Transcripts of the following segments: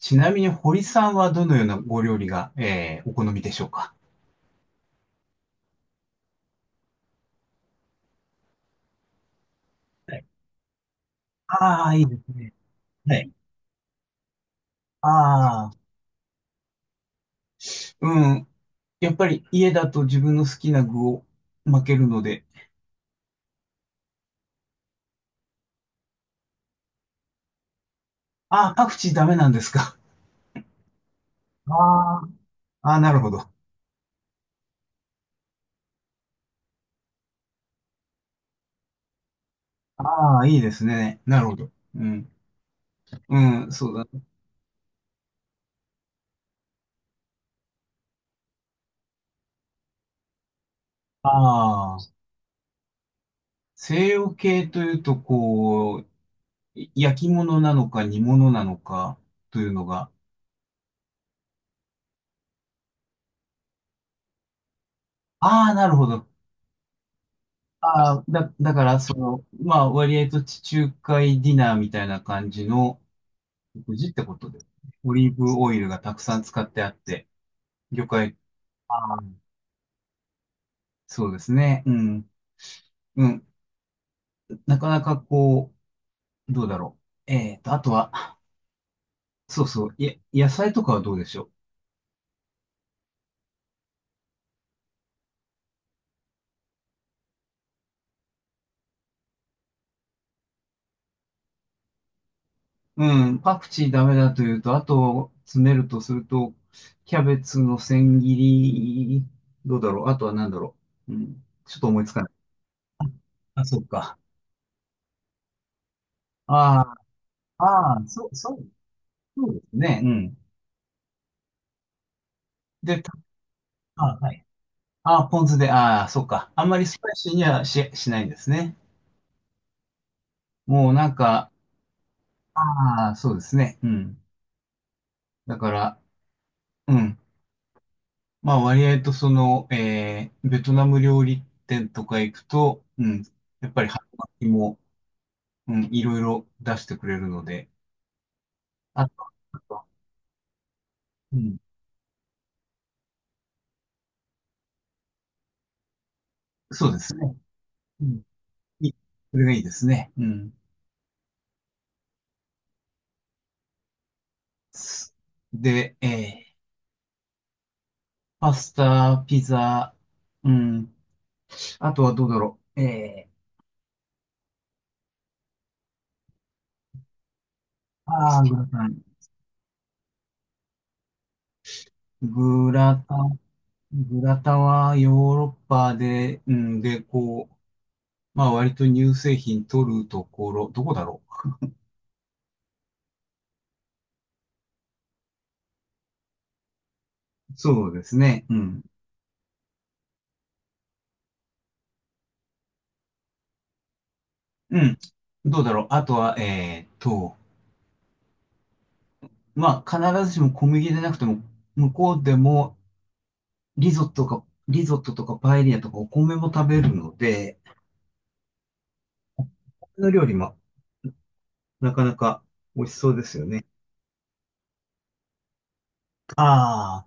ちなみに堀さんはどのようなご料理が、お好みでしょうか。はい。ああ、いいですね。はい。ああ。うん。やっぱり家だと自分の好きな具を巻けるので。ああ、パクチーダメなんですか。ああ。ああ、なるほど。ああ、いいですね。なるほど。うん。うん、そうだね。ああ、西洋系というと、こう、い焼き物なのか煮物なのかというのが。ああ、なるほど。ああ、だから、その、まあ、割合と地中海ディナーみたいな感じの食事ってことで、オリーブオイルがたくさん使ってあって、魚介、ああ、そうですね、うん、うん、なかなかこう、どうだろう。あとは、そうそう、野菜とかはどうでしょう。うん、パクチーダメだというと、あと、詰めるとすると、キャベツの千切り、どうだろう。あとは何だろう。うん、ちょっと思いつかない。あ、そうか。ああ、ああ、そう、そう、そうですねうねん。で、あ、はい。ああ、ポン酢で、ああ、そうか。あんまりスパイシーにはしないんですね。もうなんか、ああ、そうですね。うん。だから、うん。まあ割合とその、ベトナム料理店とか行くと、うん。やっぱり春巻きも、うん、いろいろ出してくれるので、あと、あと、うん。そうですね。うん。いい、それがいいですね。うん。すで、えーパスタ、ピザ、うん。あとはどうだろう。えー、あーグラタン。グラタン、グラタンはヨーロッパで、うん、で、こう、まあ割と乳製品取るところ、どこだろう。そうですね。うん。うん。どうだろう。あとは、まあ必ずしも小麦でなくても、向こうでもリゾットか、リゾットとかパエリアとかお米も食べるので、の料理もなかなか美味しそうですよね。ああ、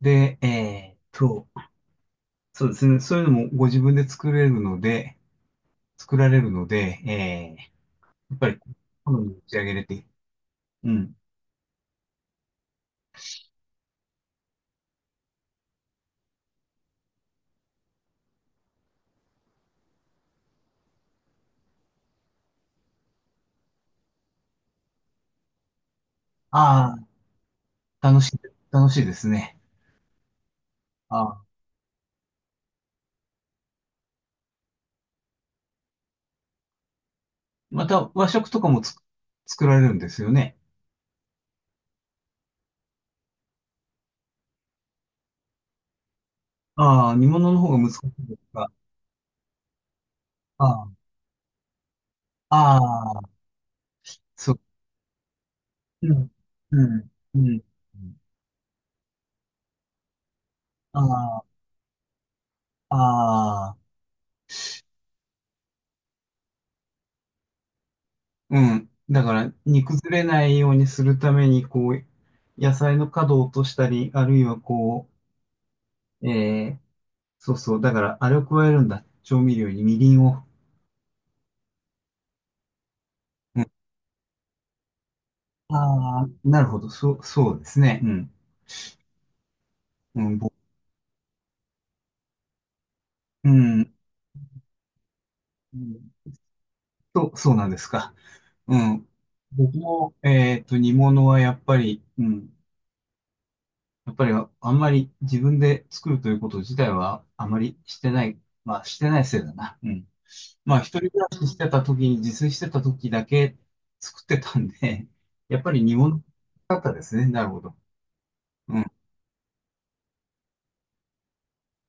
で、そうですね。そういうのもご自分で作れるので、作られるので、やっぱり、好みに仕上げれて、うん。ああ、楽しい、楽しいですね。ああ、また和食とかもつ作られるんですよね。ああ、煮物の方が難しいですか。ああ、ああ、そう。うん、うん、うん。ああ、ああ。うん。だから、煮崩れないようにするために、こう、野菜の角を落としたり、あるいはこう、そうそう、だから、あれを加えるんだ。調味料にみりんを。うん。ああ、なるほど。そう、そうですね。うん。うん、うん。うんそう、そうなんですか。うん。僕も、煮物はやっぱり、うん。やっぱり、あんまり自分で作るということ自体は、あまりしてない。まあ、してないせいだな。うん。まあ、一人暮らししてた時に、自炊してた時だけ作ってたんで、やっぱり煮物だったですね。なるほど。うん。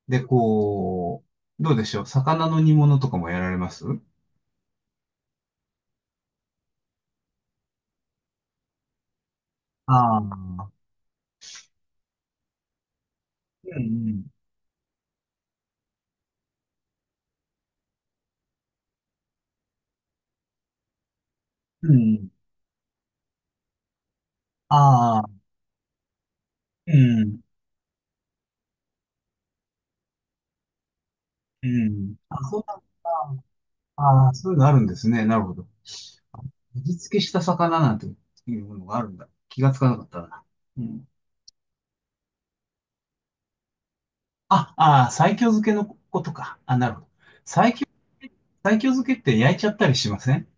で、こう、どうでしょう。魚の煮物とかもやられますうん。ああー、うんうん。うん。ああ、うん。うん。あ、そうなんだ。ああ、そういうのあるんですね。なるほど。味付けした魚なんていうものがあるんだ。気がつかなかったな。うん。あ、ああ、西京漬けのことか。あ、なるほど。西京、西京漬けって焼いちゃったりしません。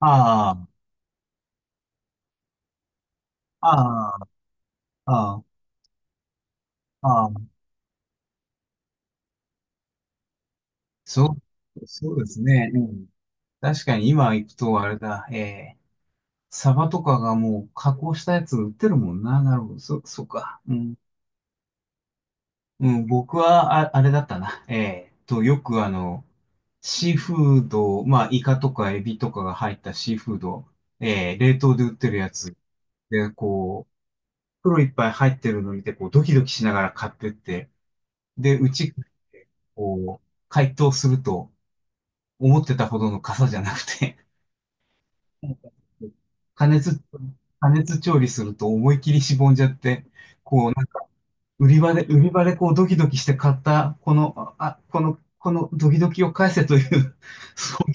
ああ、ああ、ああ、ああ、そう、そうですね。うん。確かに今行くとあれだ、ええ、サバとかがもう加工したやつ売ってるもんな。なるほど、そうか。うん。うん、僕はあ、あれだったな。ええと、よくあの、シーフード、まあ、イカとかエビとかが入ったシーフード、ええ、冷凍で売ってるやつ。で、こう、袋いっぱい入ってるの見て、こう、ドキドキしながら買ってって、で、うち、こう、解凍すると、思ってたほどの傘じゃなくて、加熱、加熱調理すると思い切りしぼんじゃって、こう、なんか、売り場で、売り場でこう、ドキドキして買った、この、あ、このドキドキを返せという、そういう、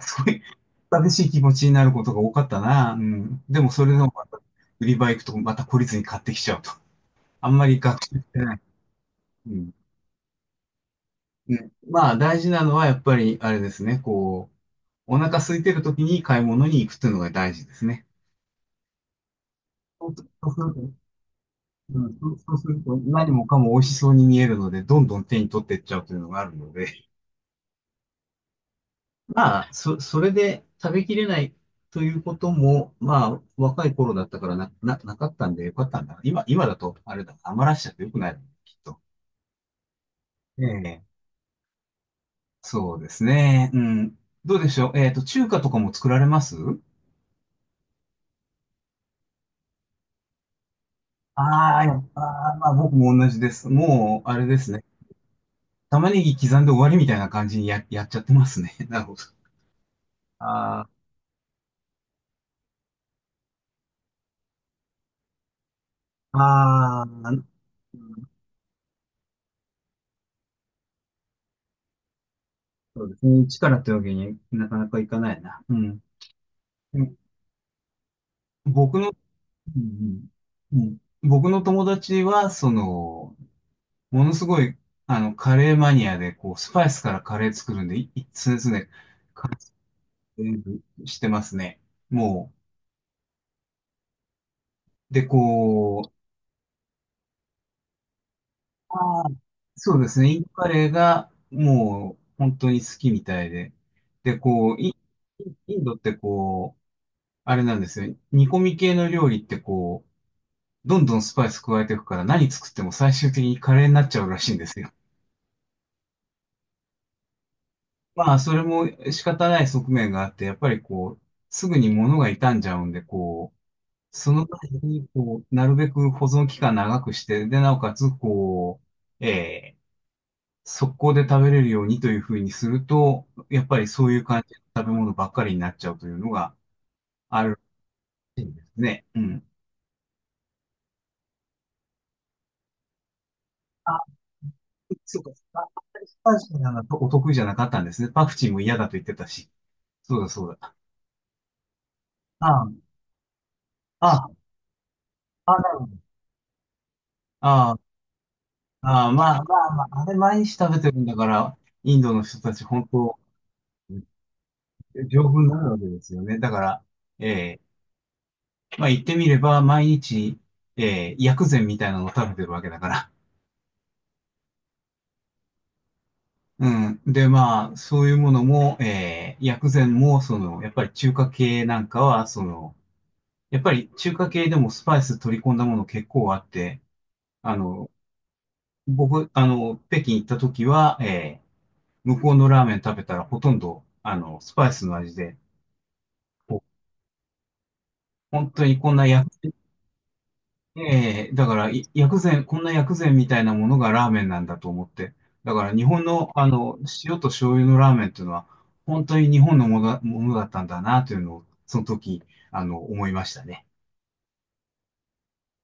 そういう、寂しい気持ちになることが多かったな。うん。でも、それでもまた、売り場行くと、また懲りずに買ってきちゃうと。あんまり学習してない。うん。うん、まあ、大事なのは、やっぱり、あれですね、こう、お腹空いてる時に買い物に行くっていうのが大事ですね。そうすると、うん、そうそうすると何もかも美味しそうに見えるので、どんどん手に取っていっちゃうというのがあるので。まあ、それで食べきれないということも、まあ、若い頃だったからな、なかったんでよかったんだ。今、今だと、あれだ、余らしちゃってよくないの、きっと。ええ、そうですね。うん。どうでしょう。えっと、中華とかも作られます。ああ、やっぱ、まあ僕も同じです。もう、あれですね。玉ねぎ刻んで終わりみたいな感じにやっちゃってますね。なるほど。ああ、ああ、うん、そうですね。一からというわけになかなかいかないな。うん。うん、僕の、うんうんうん、僕の友達は、その、ものすごい、あの、カレーマニアで、こう、スパイスからカレー作るんで、い常々、カレーしてますね。もう、で、こう、ああ、そうですね。インドカレーがもう本当に好きみたいで。で、こう、イン、インドってこう、あれなんですよ。煮込み系の料理ってこう、どんどんスパイス加えていくから何作っても最終的にカレーになっちゃうらしいんですよ。まあ、それも仕方ない側面があって、やっぱりこう、すぐに物が傷んじゃうんで、こう、その前に、こう、なるべく保存期間長くして、で、なおかつ、こう、ええ速攻で食べれるようにというふうにすると、やっぱりそういう感じの食べ物ばっかりになっちゃうというのがあるらしいんですね。うん。あ、そうか、か。あんまりスパイシーなのがお得意じゃなかったんですね。パクチーも嫌だと言ってたし。そうだそうだ。ああ、ああ、なるほど。ああ、ああ、まあまあまあ、あれ毎日食べてるんだから、インドの人たち本当、丈夫になるわけですよね。だから、ええまあ言ってみれば、毎日、ええ薬膳みたいなのを食べてるわけだから。うん。で、まあ、そういうものも、薬膳も、その、やっぱり中華系なんかは、その、やっぱり中華系でもスパイス取り込んだもの結構あって、あの、僕、あの、北京行った時は、えー、向こうのラーメン食べたらほとんど、あの、スパイスの味で、こう本当にこんな薬ええ、だから、い薬膳、こんな薬膳みたいなものがラーメンなんだと思って。だから、日本の、あの、塩と醤油のラーメンっていうのは、本当に日本のものだ、ものだったんだな、というのを、その時、あの、思いましたね。